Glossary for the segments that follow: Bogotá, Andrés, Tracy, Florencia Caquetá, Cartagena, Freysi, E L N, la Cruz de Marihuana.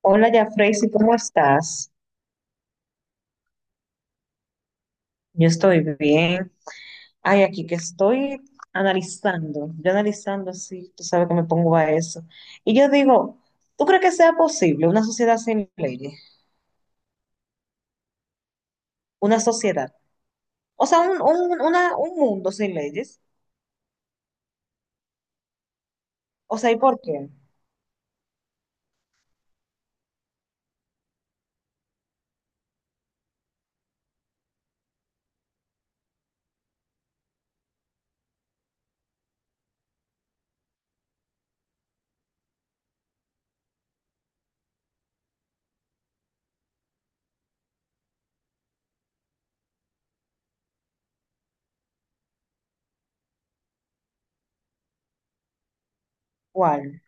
Hola, ya Freysi, ¿cómo estás? Yo estoy bien. Ay, aquí que estoy analizando, yo analizando así, tú sabes que me pongo a eso. Y yo digo, ¿tú crees que sea posible una sociedad sin leyes? Una sociedad. O sea, un mundo sin leyes. O sea, ¿y por qué? ¿Cuál?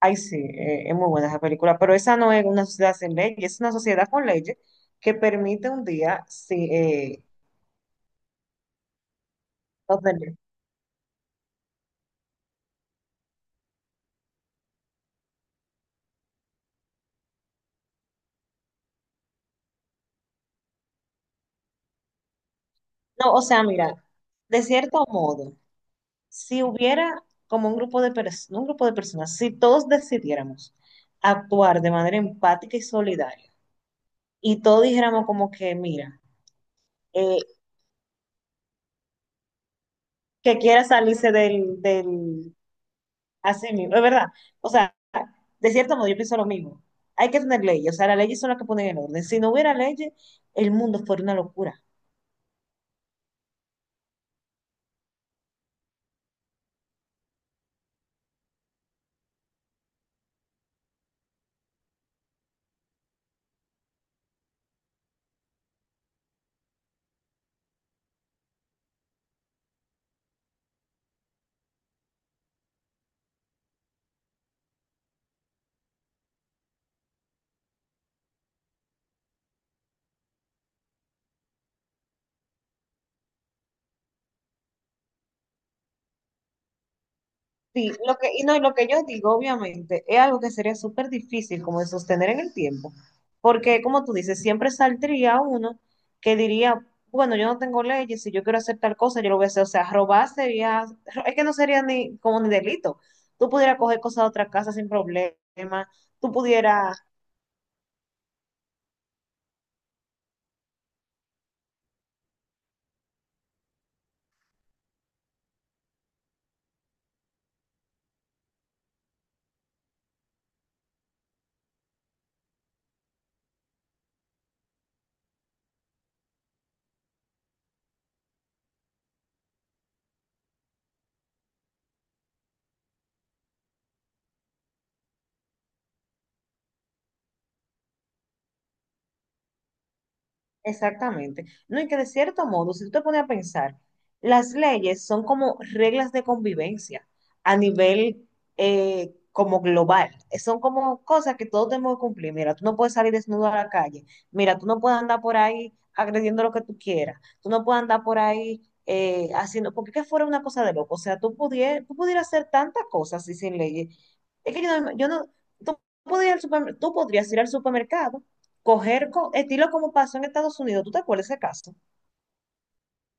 Ay, sí, es muy buena esa película, pero esa no es una sociedad sin leyes, es una sociedad con leyes que permite un día, sí, no tener- No, o sea, mira, de cierto modo. Si hubiera como un grupo de personas, un grupo de personas, si todos decidiéramos actuar de manera empática y solidaria, y todos dijéramos como que, mira, eh, que quiera salirse del, así mismo, es verdad. O sea, de cierto modo yo pienso lo mismo. Hay que tener leyes, o sea, las leyes son las que ponen el orden. Si no hubiera leyes, el mundo fuera una locura. Sí, lo que, y no, y lo que yo digo, obviamente, es algo que sería súper difícil como de sostener en el tiempo, porque como tú dices, siempre saldría uno que diría, bueno, yo no tengo leyes, si yo quiero hacer tal cosa, yo lo voy a hacer, o sea, robar sería, es que no sería ni como ni delito, tú pudieras coger cosas de otra casa sin problema, tú pudieras Exactamente. No, y que de cierto modo, si tú te pones a pensar, las leyes son como reglas de convivencia a nivel como global. Son como cosas que todos tenemos que cumplir. Mira, tú no puedes salir desnudo a la calle. Mira, tú no puedes andar por ahí agrediendo lo que tú quieras. Tú no puedes andar por ahí haciendo, porque que fuera una cosa de loco. O sea, tú pudieras hacer tantas cosas y sin leyes. Es que yo no, yo no- tú podrías, ir al tú podrías ir al supermercado coger estilo como pasó en Estados Unidos. ¿Tú te acuerdas de ese caso?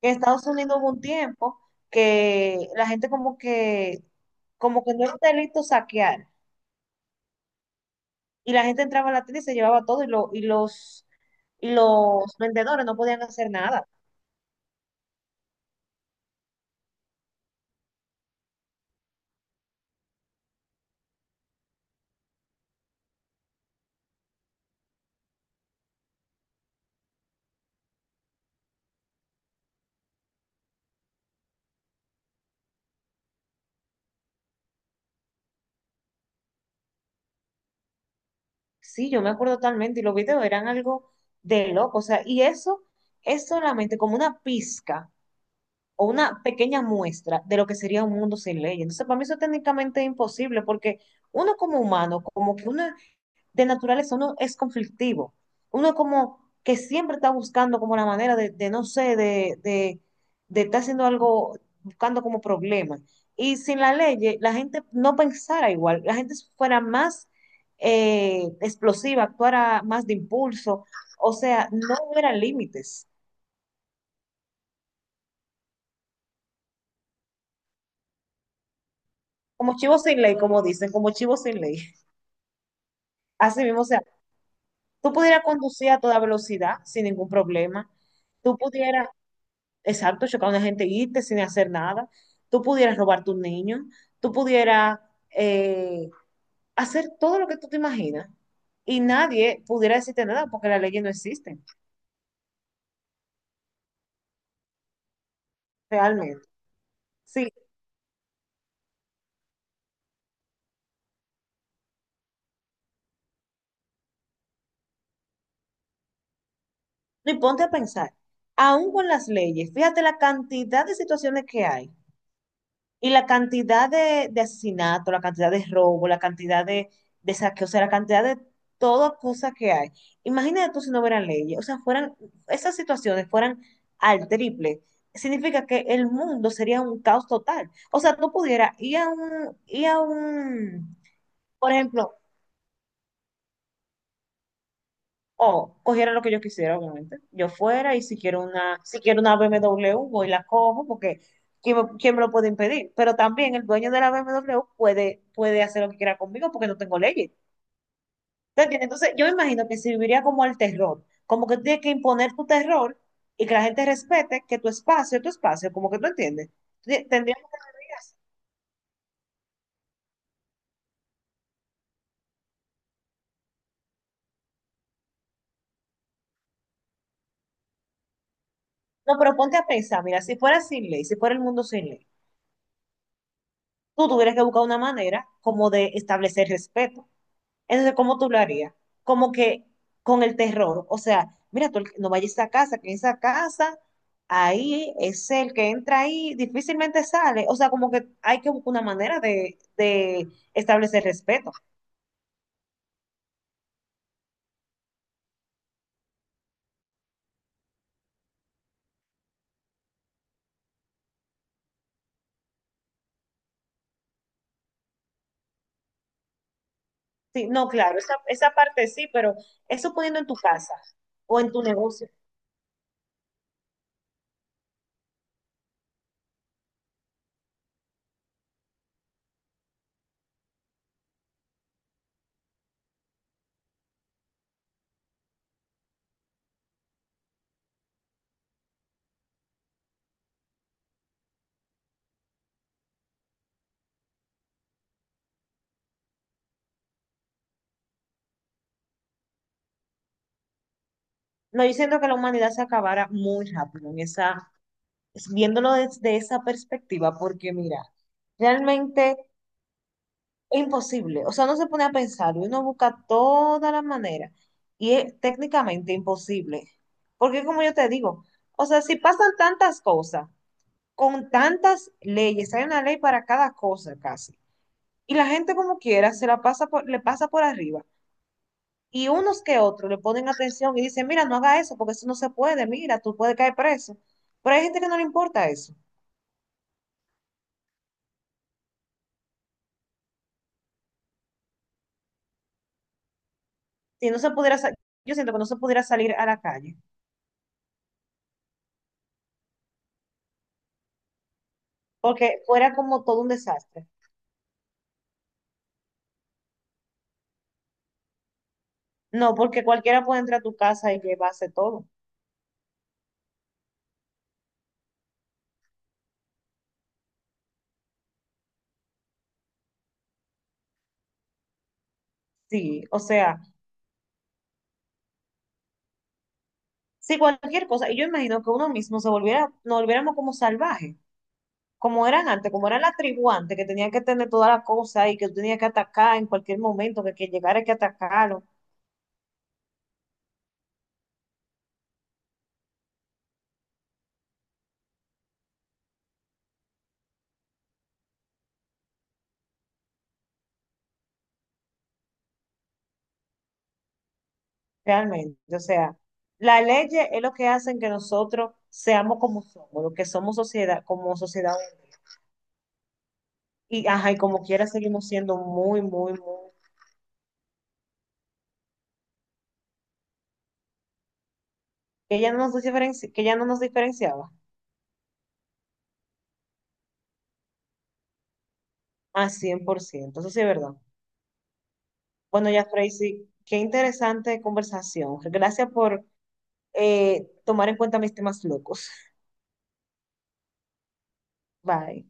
En Estados Unidos hubo un tiempo que la gente como que no era un delito saquear. Y la gente entraba a la tienda y se llevaba todo y los vendedores no podían hacer nada. Sí, yo me acuerdo totalmente y los videos eran algo de loco. O sea, y eso es solamente como una pizca o una pequeña muestra de lo que sería un mundo sin ley. Entonces, para mí eso técnicamente es imposible porque uno como humano, como que uno de naturaleza, uno es conflictivo. Uno como que siempre está buscando como la manera de, no sé, de estar haciendo algo, buscando como problemas. Y sin la ley, la gente no pensara igual, la gente fuera más explosiva, actuara más de impulso, o sea, no hubiera límites. Como chivo sin ley, como dicen, como chivo sin ley. Así mismo, o sea, tú pudieras conducir a toda velocidad sin ningún problema, tú pudieras, exacto, chocar a una gente y irte sin hacer nada. Tú pudieras robar a tu niño, tú pudieras eh, hacer todo lo que tú te imaginas y nadie pudiera decirte nada porque las leyes no existen, realmente. Sí, y ponte a pensar, aún con las leyes, fíjate la cantidad de situaciones que hay. Y la cantidad de asesinato, la cantidad de robo, la cantidad de saqueo, o sea, la cantidad de toda cosa que hay. Imagínate tú si no hubieran leyes, o sea, fueran, esas situaciones fueran al triple. Significa que el mundo sería un caos total. O sea, tú pudieras ir a un, por ejemplo, O cogiera lo que yo quisiera, obviamente. Yo fuera y si quiero una BMW, voy y la cojo porque ¿quién me lo puede impedir? Pero también el dueño de la BMW puede hacer lo que quiera conmigo porque no tengo leyes. ¿Te entiendes? Entonces, yo me imagino que serviría como el terror, como que tú tienes que imponer tu terror y que la gente respete que tu espacio es tu espacio, como que tú entiendes. Te- que ir así. No, pero ponte a pensar, mira, si fuera sin ley, si fuera el mundo sin ley, tú tuvieras que buscar una manera como de establecer respeto. Entonces, ¿cómo tú lo harías? Como que con el terror. O sea, mira, tú no vayas a esa casa, que en esa casa, ahí es el que entra ahí, difícilmente sale. O sea, como que hay que buscar una manera de establecer respeto. Sí, no, claro, esa parte sí, pero eso poniendo en tu casa o en tu negocio. No, yo siento que la humanidad se acabara muy rápido en esa, viéndolo desde esa perspectiva, porque mira, realmente es imposible. O sea, uno se pone a pensar y uno busca todas las maneras. Y es técnicamente imposible. Porque como yo te digo, o sea, si pasan tantas cosas, con tantas leyes, hay una ley para cada cosa casi. Y la gente como quiera se la pasa le pasa por arriba. Y unos que otros le ponen atención y dicen, mira, no haga eso porque eso no se puede, mira, tú puedes caer preso. Pero hay gente que no le importa eso. Si no se pudiera, yo siento que no se pudiera salir a la calle porque fuera como todo un desastre. No, porque cualquiera puede entrar a tu casa y llevarse todo. Sí, o sea, sí, cualquier cosa. Y yo imagino que uno mismo se volviera, nos volviéramos como salvajes, como eran antes, como era la tribu antes, que tenían que tener toda la cosa y que tenía que atacar en cualquier momento, que quien llegara hay que atacarlo, realmente. O sea, las leyes es lo que hacen que nosotros seamos como somos, lo que somos sociedad, como sociedad hoy día. Y, ajá, y como quiera seguimos siendo muy, muy, muy, que ya no nos diferenci- que ya no nos diferenciaba a cien por ciento. Eso sí es verdad. Bueno, ya, Tracy, qué interesante conversación. Gracias por tomar en cuenta mis temas locos. Bye.